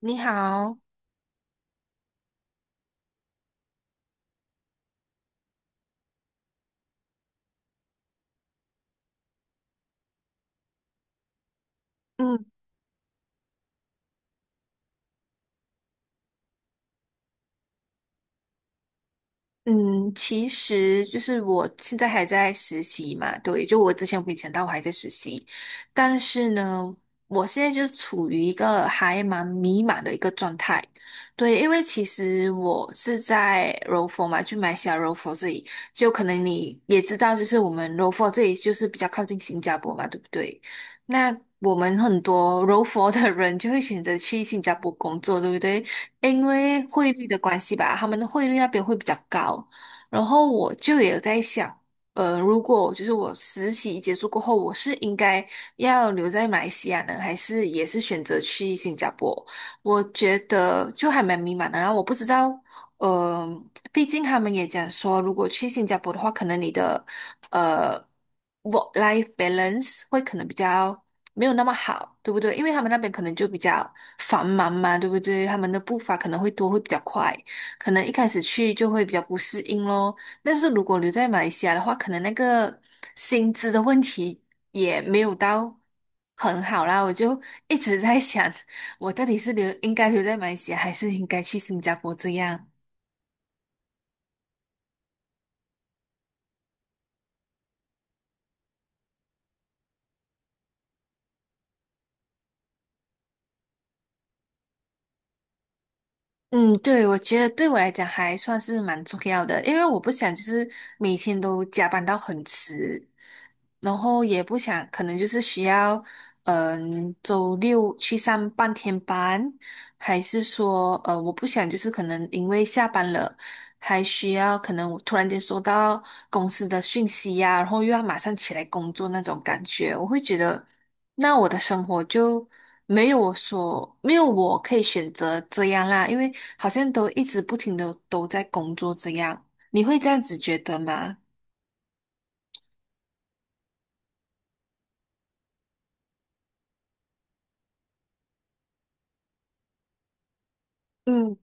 你好。嗯嗯，其实就是我现在还在实习嘛，对，就我之前我跟你讲到我还在实习，但是呢，我现在就处于一个还蛮迷茫的一个状态，对，因为其实我是在柔佛嘛，就马来西亚柔佛这里，就可能你也知道，就是我们柔佛这里就是比较靠近新加坡嘛，对不对？那我们很多柔佛的人就会选择去新加坡工作，对不对？因为汇率的关系吧，他们的汇率那边会比较高。然后我就也在想，如果就是我实习结束过后，我是应该要留在马来西亚呢，还是也是选择去新加坡？我觉得就还蛮迷茫的。然后我不知道，呃，毕竟他们也讲说，如果去新加坡的话，可能你的呃 work life balance 会可能比较没有那么好，对不对？因为他们那边可能就比较繁忙嘛，对不对？他们的步伐可能会多，会比较快，可能一开始去就会比较不适应咯。但是如果留在马来西亚的话，可能那个薪资的问题也没有到很好啦。我就一直在想，我到底是应该留在马来西亚，还是应该去新加坡这样？嗯，对，我觉得对我来讲还算是蛮重要的，因为我不想就是每天都加班到很迟，然后也不想可能就是需要，嗯，周六去上半天班，还是说，我不想就是可能因为下班了，还需要可能我突然间收到公司的讯息呀、然后又要马上起来工作那种感觉，我会觉得。那我的生活就没有我可以选择这样啦，因为好像都一直不停的都在工作这样，你会这样子觉得吗？嗯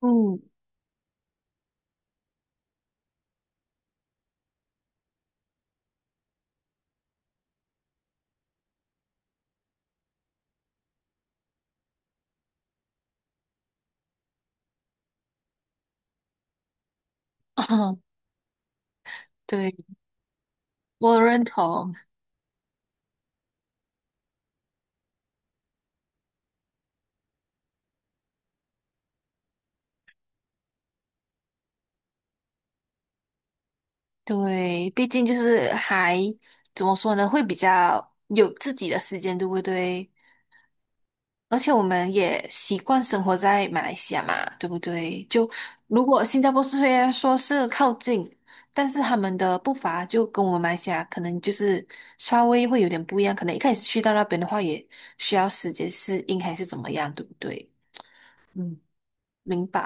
嗯。对，我认同。对，毕竟就是还怎么说呢，会比较有自己的时间，对不对？而且我们也习惯生活在马来西亚嘛，对不对？就如果新加坡虽然说是靠近，但是他们的步伐就跟我们马来西亚可能就是稍微会有点不一样，可能一开始去到那边的话，也需要时间适应还是怎么样，对不对？嗯，明白。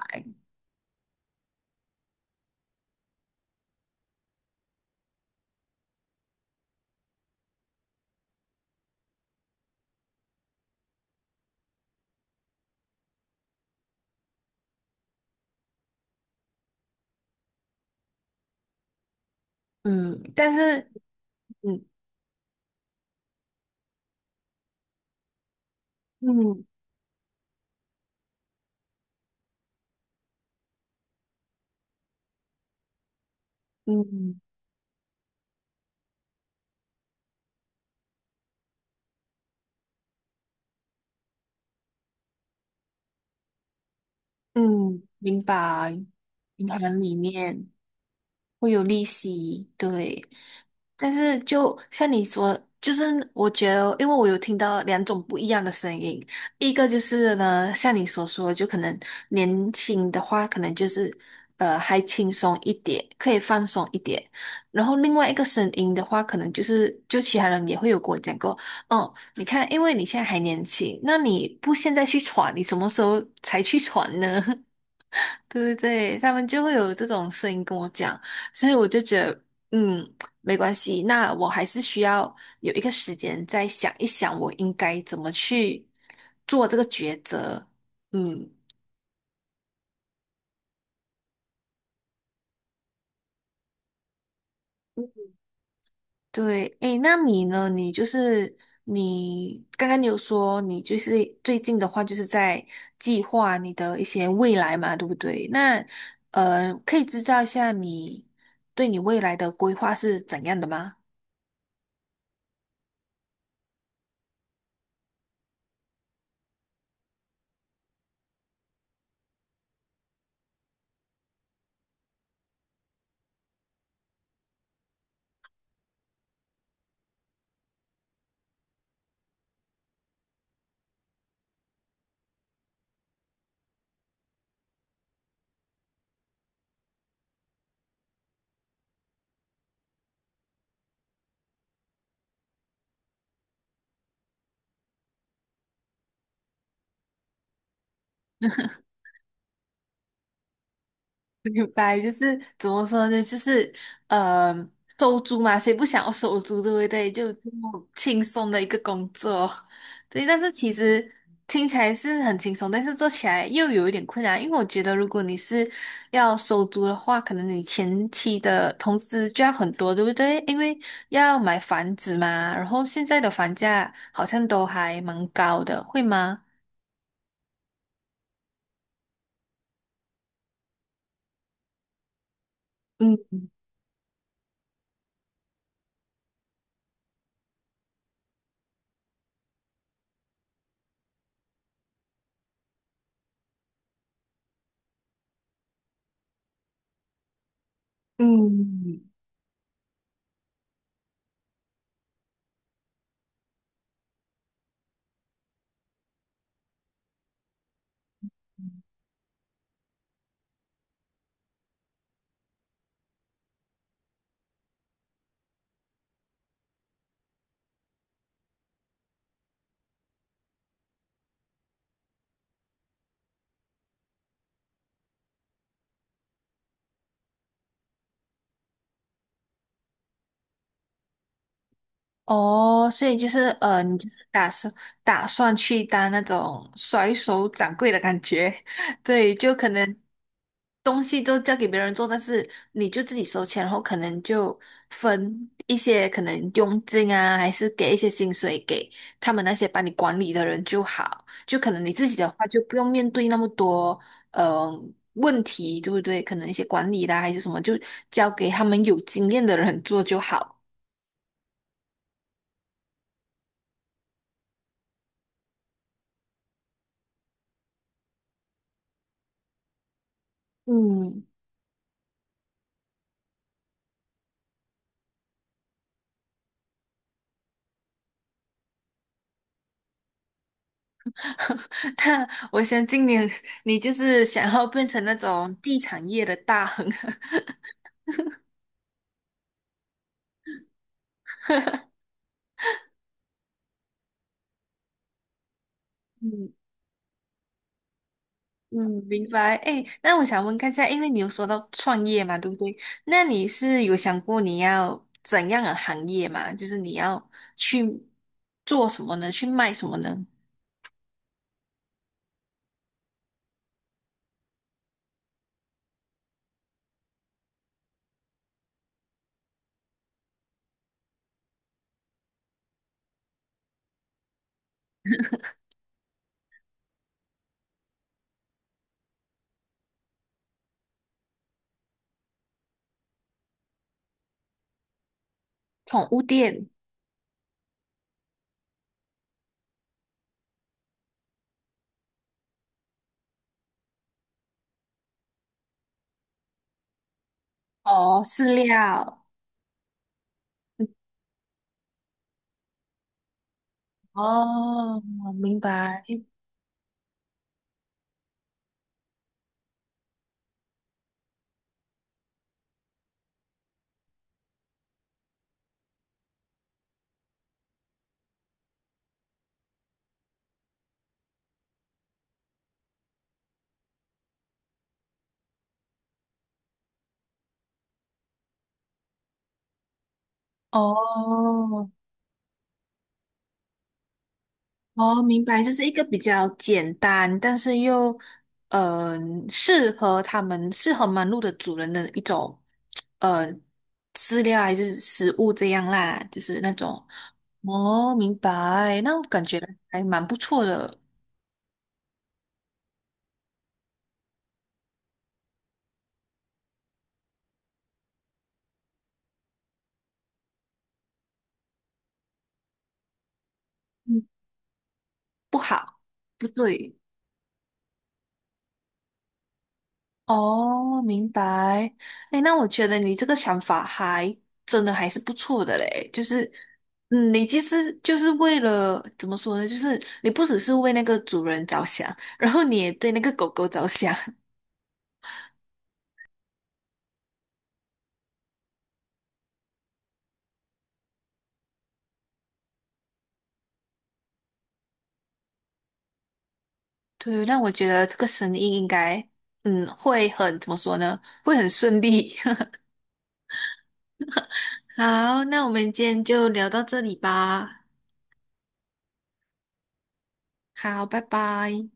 嗯，但是嗯嗯嗯嗯，明白。银行里面。会有利息，对。但是就像你说，就是我觉得，因为我有听到两种不一样的声音，一个就是呢，像你所说，就可能年轻的话，可能就是还轻松一点，可以放松一点。然后另外一个声音的话，可能就是就其他人也会有跟我讲过，哦，你看，因为你现在还年轻，那你不现在去闯，你什么时候才去闯呢？对对对，他们就会有这种声音跟我讲，所以我就觉得，嗯，没关系，那我还是需要有一个时间再想一想，我应该怎么去做这个抉择。嗯，对，诶，那你呢？你就是你刚刚你有说你就是最近的话，就是在计划你的一些未来嘛，对不对？那可以知道一下你对你未来的规划是怎样的吗？明白，就是怎么说呢？就是呃，收租嘛，谁不想要收租，对不对？就这么轻松的一个工作，对。但是其实听起来是很轻松，但是做起来又有一点困难，因为我觉得如果你是要收租的话，可能你前期的投资就要很多，对不对？因为要买房子嘛，然后现在的房价好像都还蛮高的，会吗？嗯嗯。哦，所以就是你就是打算去当那种甩手掌柜的感觉。对，就可能东西都交给别人做，但是你就自己收钱，然后可能就分一些可能佣金啊，还是给一些薪水给他们那些帮你管理的人就好，就可能你自己的话就不用面对那么多呃问题，对不对？可能一些管理啦还是什么，就交给他们有经验的人做就好。嗯。那我相信你，你就是想要变成那种地产业的大亨。嗯嗯，明白。哎，那我想问看一下，因为你有说到创业嘛，对不对？那你是有想过你要怎样的行业嘛？就是你要去做什么呢？去卖什么呢？宠物店。哦，饲料。哦，明白。哦，哦，明白，这是一个比较简单，但是又嗯适合他们适合忙碌的主人的一种呃饲料还是食物这样啦，就是那种。哦，明白，那我感觉还蛮不错的，嗯，不好，不对。哦，明白。哎，那我觉得你这个想法还真的还是不错的嘞。就是，嗯，你其实就是为了怎么说呢？就是你不只是为那个主人着想，然后你也对那个狗狗着想。对，那我觉得这个生意应该，嗯，会很怎么说呢？会很顺利。好，那我们今天就聊到这里吧。好，拜拜。